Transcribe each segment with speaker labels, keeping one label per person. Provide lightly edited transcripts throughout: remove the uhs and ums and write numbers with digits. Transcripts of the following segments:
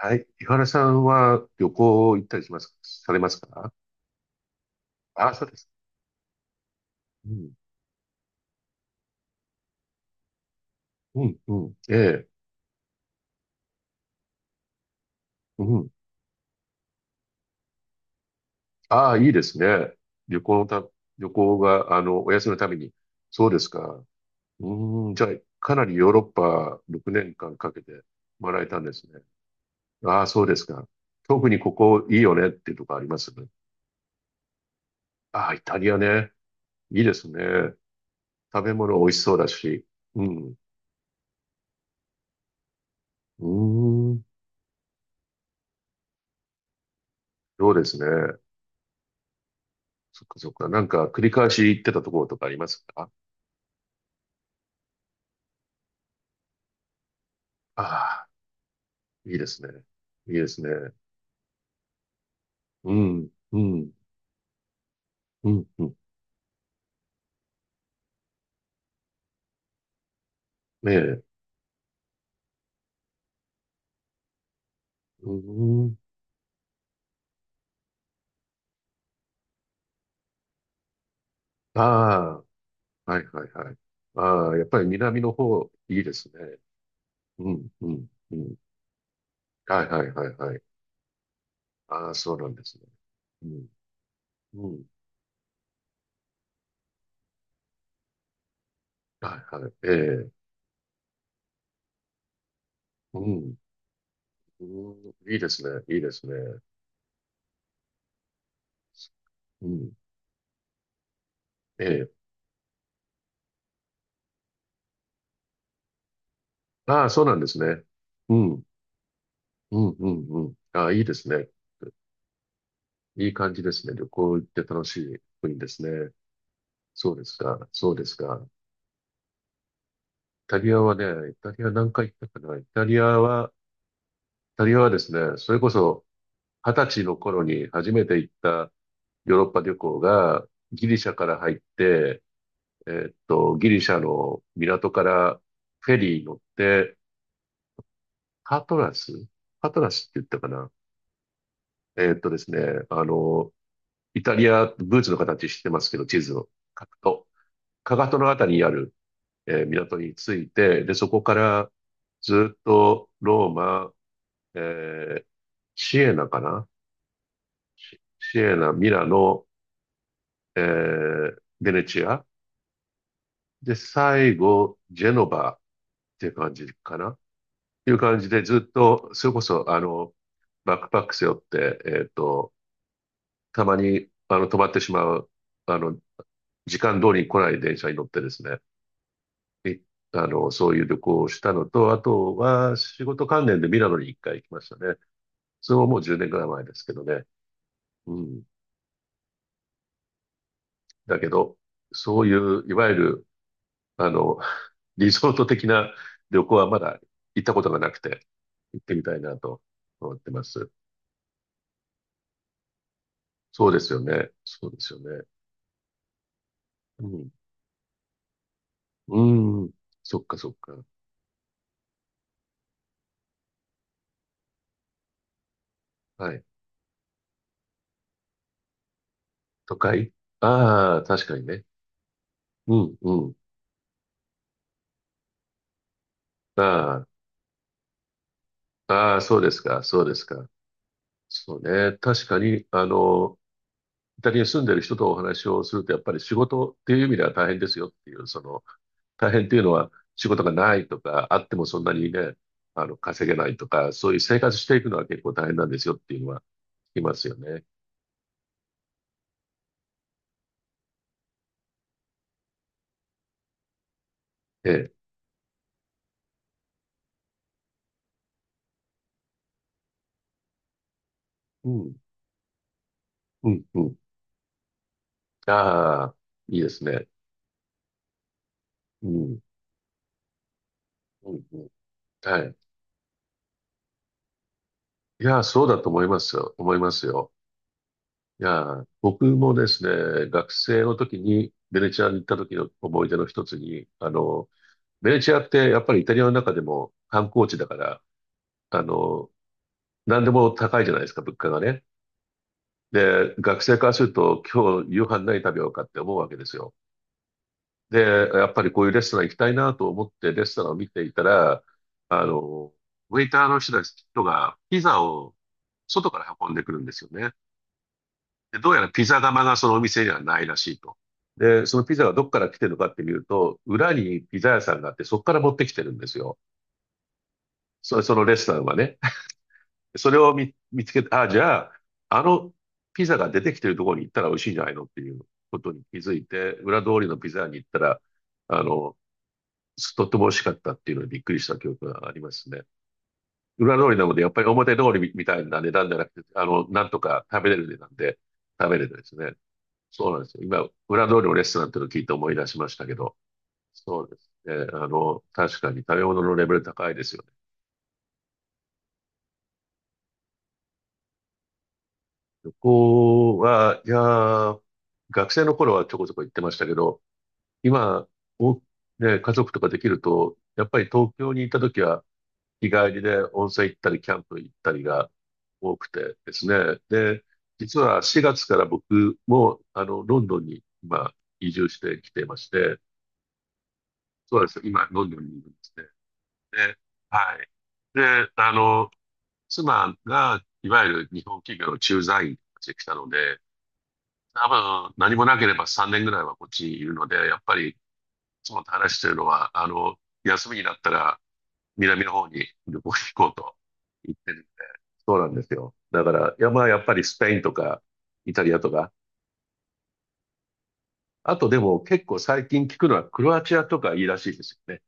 Speaker 1: はい。井原さんは旅行行ったりします、されますか？ああ、そうです。うん。うん、うん。ええ。うん。ああ、いいですね。旅行のた、旅行が、お休みのために。そうですか。うん。じゃあ、かなりヨーロッパ6年間かけて回られたんですね。ああ、そうですか。特にここいいよねっていうとこあります？ああ、イタリアね。いいですね。食べ物美味しそうだし。うん。うーん。そうですね。そっかそっか。なんか繰り返し行ってたところとかありますか？ああ、いいですね。いいですね。うん、うん、うん、うん。ねえ。うん。ああ、はいはいはい。ああ、やっぱり南の方、いいですね。うん、うん、うん。はいはいはいはい。ああ、そうなんですね。うん、うん。はいはい。ええ。うん、うん。いいですね。いいですね。うん。ええ。ああ、そうなんですね。うん。うん、うん、うん。ああ、いいですね。いい感じですね。旅行行って楽しい国ですね。そうですか。そうですか。イタリアはね、イタリア何回行ったかな。イタリアはですね、それこそ二十歳の頃に初めて行ったヨーロッパ旅行がギリシャから入って、ギリシャの港からフェリー乗って、パトラスって言ったかな。ですね、あの、イタリア、ブーツの形してますけど、地図を描くと、かかとのあたりにある港に着いて、で、そこからずっとローマ、えーシエナかな、シエナ、ミラノ、ベネチア。で、最後、ジェノバっていう感じでずっと、それこそ、バックパック背負って、たまに、止まってしまう、あの、時間通りに来ない電車に乗ってですね、いあの、そういう旅行をしたのと、あとは仕事関連でミラノに一回行きましたね。それももう10年ぐらい前ですけどね。うん。だけど、そういう、いわゆる、あの、リゾート的な旅行はまだ行ったことがなくて、行ってみたいなと思ってます。そうですよね。そうですよね。うん。うん。そっかそっか。はい。都会。ああー、確かにね。うん、うん。ああ、ああ、そうですか、そうですか。そうね。確かに、イタリアに住んでる人とお話をすると、やっぱり仕事っていう意味では大変ですよっていう、大変っていうのは仕事がないとか、あってもそんなにね、稼げないとか、そういう生活していくのは結構大変なんですよっていうのは聞きますよね。ええ。うん、うん、うん。ああ、いいですね。うん、うん、うん。はい。いやー、そうだと思いますよ。思いますよ。いやー、僕もですね、学生の時にベネチアに行った時の思い出の一つに、ベネチアってやっぱりイタリアの中でも観光地だから、あの、何でも高いじゃないですか、物価がね。で、学生からすると、今日夕飯何食べようかって思うわけですよ。で、やっぱりこういうレストラン行きたいなと思ってレストランを見ていたら、あの、ウェイターの人たちがピザを外から運んでくるんですよね。で、どうやらピザ窯がそのお店にはないらしいと。で、そのピザがどっから来てるのかって見ると、裏にピザ屋さんがあって、そこから持ってきてるんですよ。そのレストランはね。それを見つけて、あ、じゃあ、あのピザが出てきてるところに行ったら美味しいんじゃないのっていうことに気づいて、裏通りのピザ屋に行ったら、あの、とっても美味しかったっていうのにびっくりした記憶がありますね。裏通りなので、やっぱり表通りみたいな値段じゃなくて、なんとか食べれる値段で食べれるですね。そうなんですよ。今、裏通りのレストランっていうのを聞いて思い出しましたけど、そうですね。確かに食べ物のレベル高いですよね。旅行は、いやー、学生の頃はちょこちょこ行ってましたけど、今、お、ね、家族とかできると、やっぱり東京にいた時は日帰りで温泉行ったり、キャンプ行ったりが多くてですね。で、実は4月から僕も、ロンドンに今、移住してきていまして、そうなんですよ。今、ロンドンにいるんですね。で、はい。で、妻が、いわゆる日本企業の駐在員として来たので、多分何もなければ3年ぐらいはこっちにいるので、やっぱりいつもと話してるのは、休みになったら南の方に旅行に行こうと言ってる。そうなんですよ。だから、いや、まあやっぱりスペインとかイタリアとか、あとでも結構最近聞くのはクロアチアとかいいらしいですよね。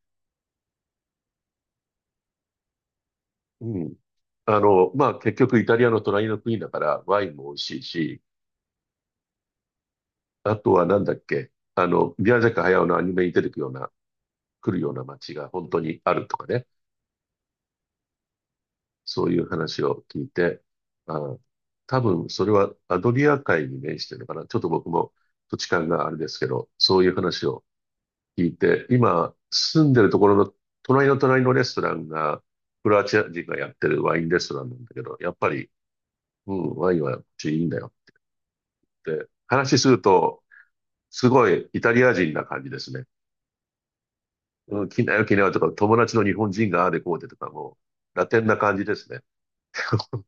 Speaker 1: うん。まあ結局イタリアの隣の国だからワインも美味しいし、あとはなんだっけ、宮崎駿のアニメに出てくるような、来るような街が本当にあるとかね。そういう話を聞いて、あー、多分それはアドリア海に面してるのかな。ちょっと僕も土地勘があれですけど、そういう話を聞いて、今住んでるところの隣の隣のレストランが、クロアチア人がやってるワインレストランなんだけど、やっぱり、うん、ワインはこっちいいんだよって話すると、すごいイタリア人な感じですね。うん、来なよ来なよとか、友達の日本人がああでこうでとかもう、ラテンな感じですね。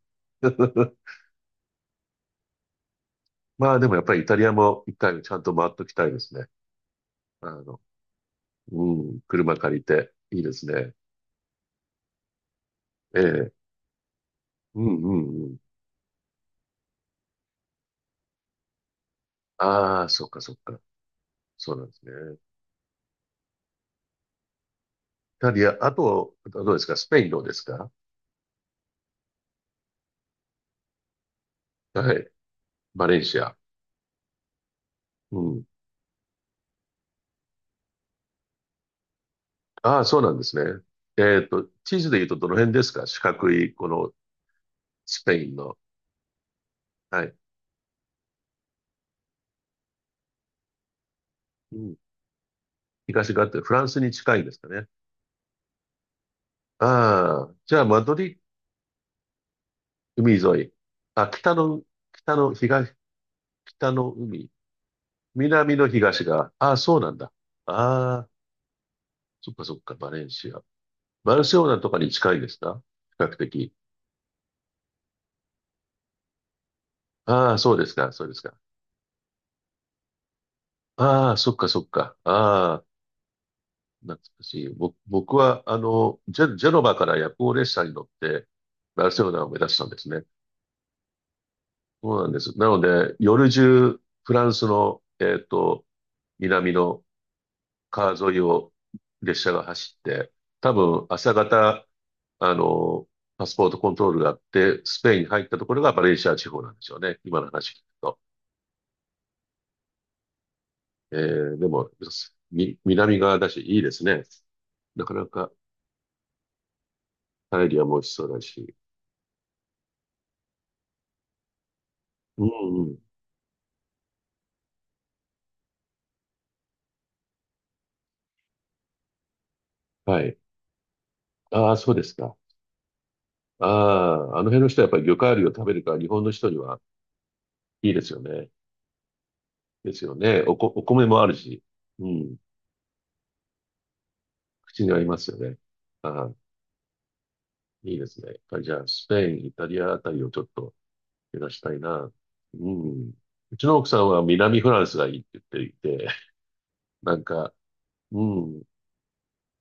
Speaker 1: まあでもやっぱりイタリアも一回ちゃんと回っときたいですね。あの、うん、車借りて、いいですね。ええ、うんうんうん。ああ、そっかそっか。そうなんですね。イタリア、あとどうですかスペインどうですか？はい。バレンシア。うん。ああ、そうなんですね。地図で言うとどの辺ですか？四角い、このスペインの。はい。うん。東側ってフランスに近いんですかね。ああ、じゃあマドリ、海沿い。あ、北の、東、北の海。南の東が、ああ、そうなんだ。ああ、そっかそっか、バレンシア。バルセロナとかに近いですか？比較的。ああ、そうですか、そうですか。ああ、そっかそっか。ああ、懐かしい。僕は、ジェノバから夜行列車に乗って、バルセロナを目指したんですね。そうなんです。なので、夜中、フランスの、南の川沿いを列車が走って、多分朝方、あの、パスポートコントロールがあって、スペインに入ったところがバレンシア地方なんでしょうね。今の話聞くと。でも、南側だし、いいですね。なかなかパエリアも美味しそうだし。うんうん。はい。ああ、そうですか。ああ、あの辺の人はやっぱり魚介類を食べるから、日本の人にはいいですよね。ですよね。お米もあるし、うん。口に合いますよね。ああ。いいですね。やっぱりじゃあ、スペイン、イタリアあたりをちょっと目指したいな。うん。うちの奥さんは南フランスがいいって言っていて、なんか、うん。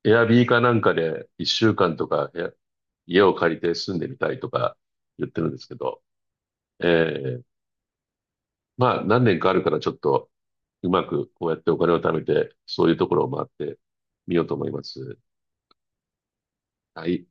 Speaker 1: エアビーかなんかで一週間とか家を借りて住んでみたいとか言ってるんですけど、ええ、まあ何年かあるからちょっとうまくこうやってお金を貯めて、そういうところを回ってみようと思います。はい。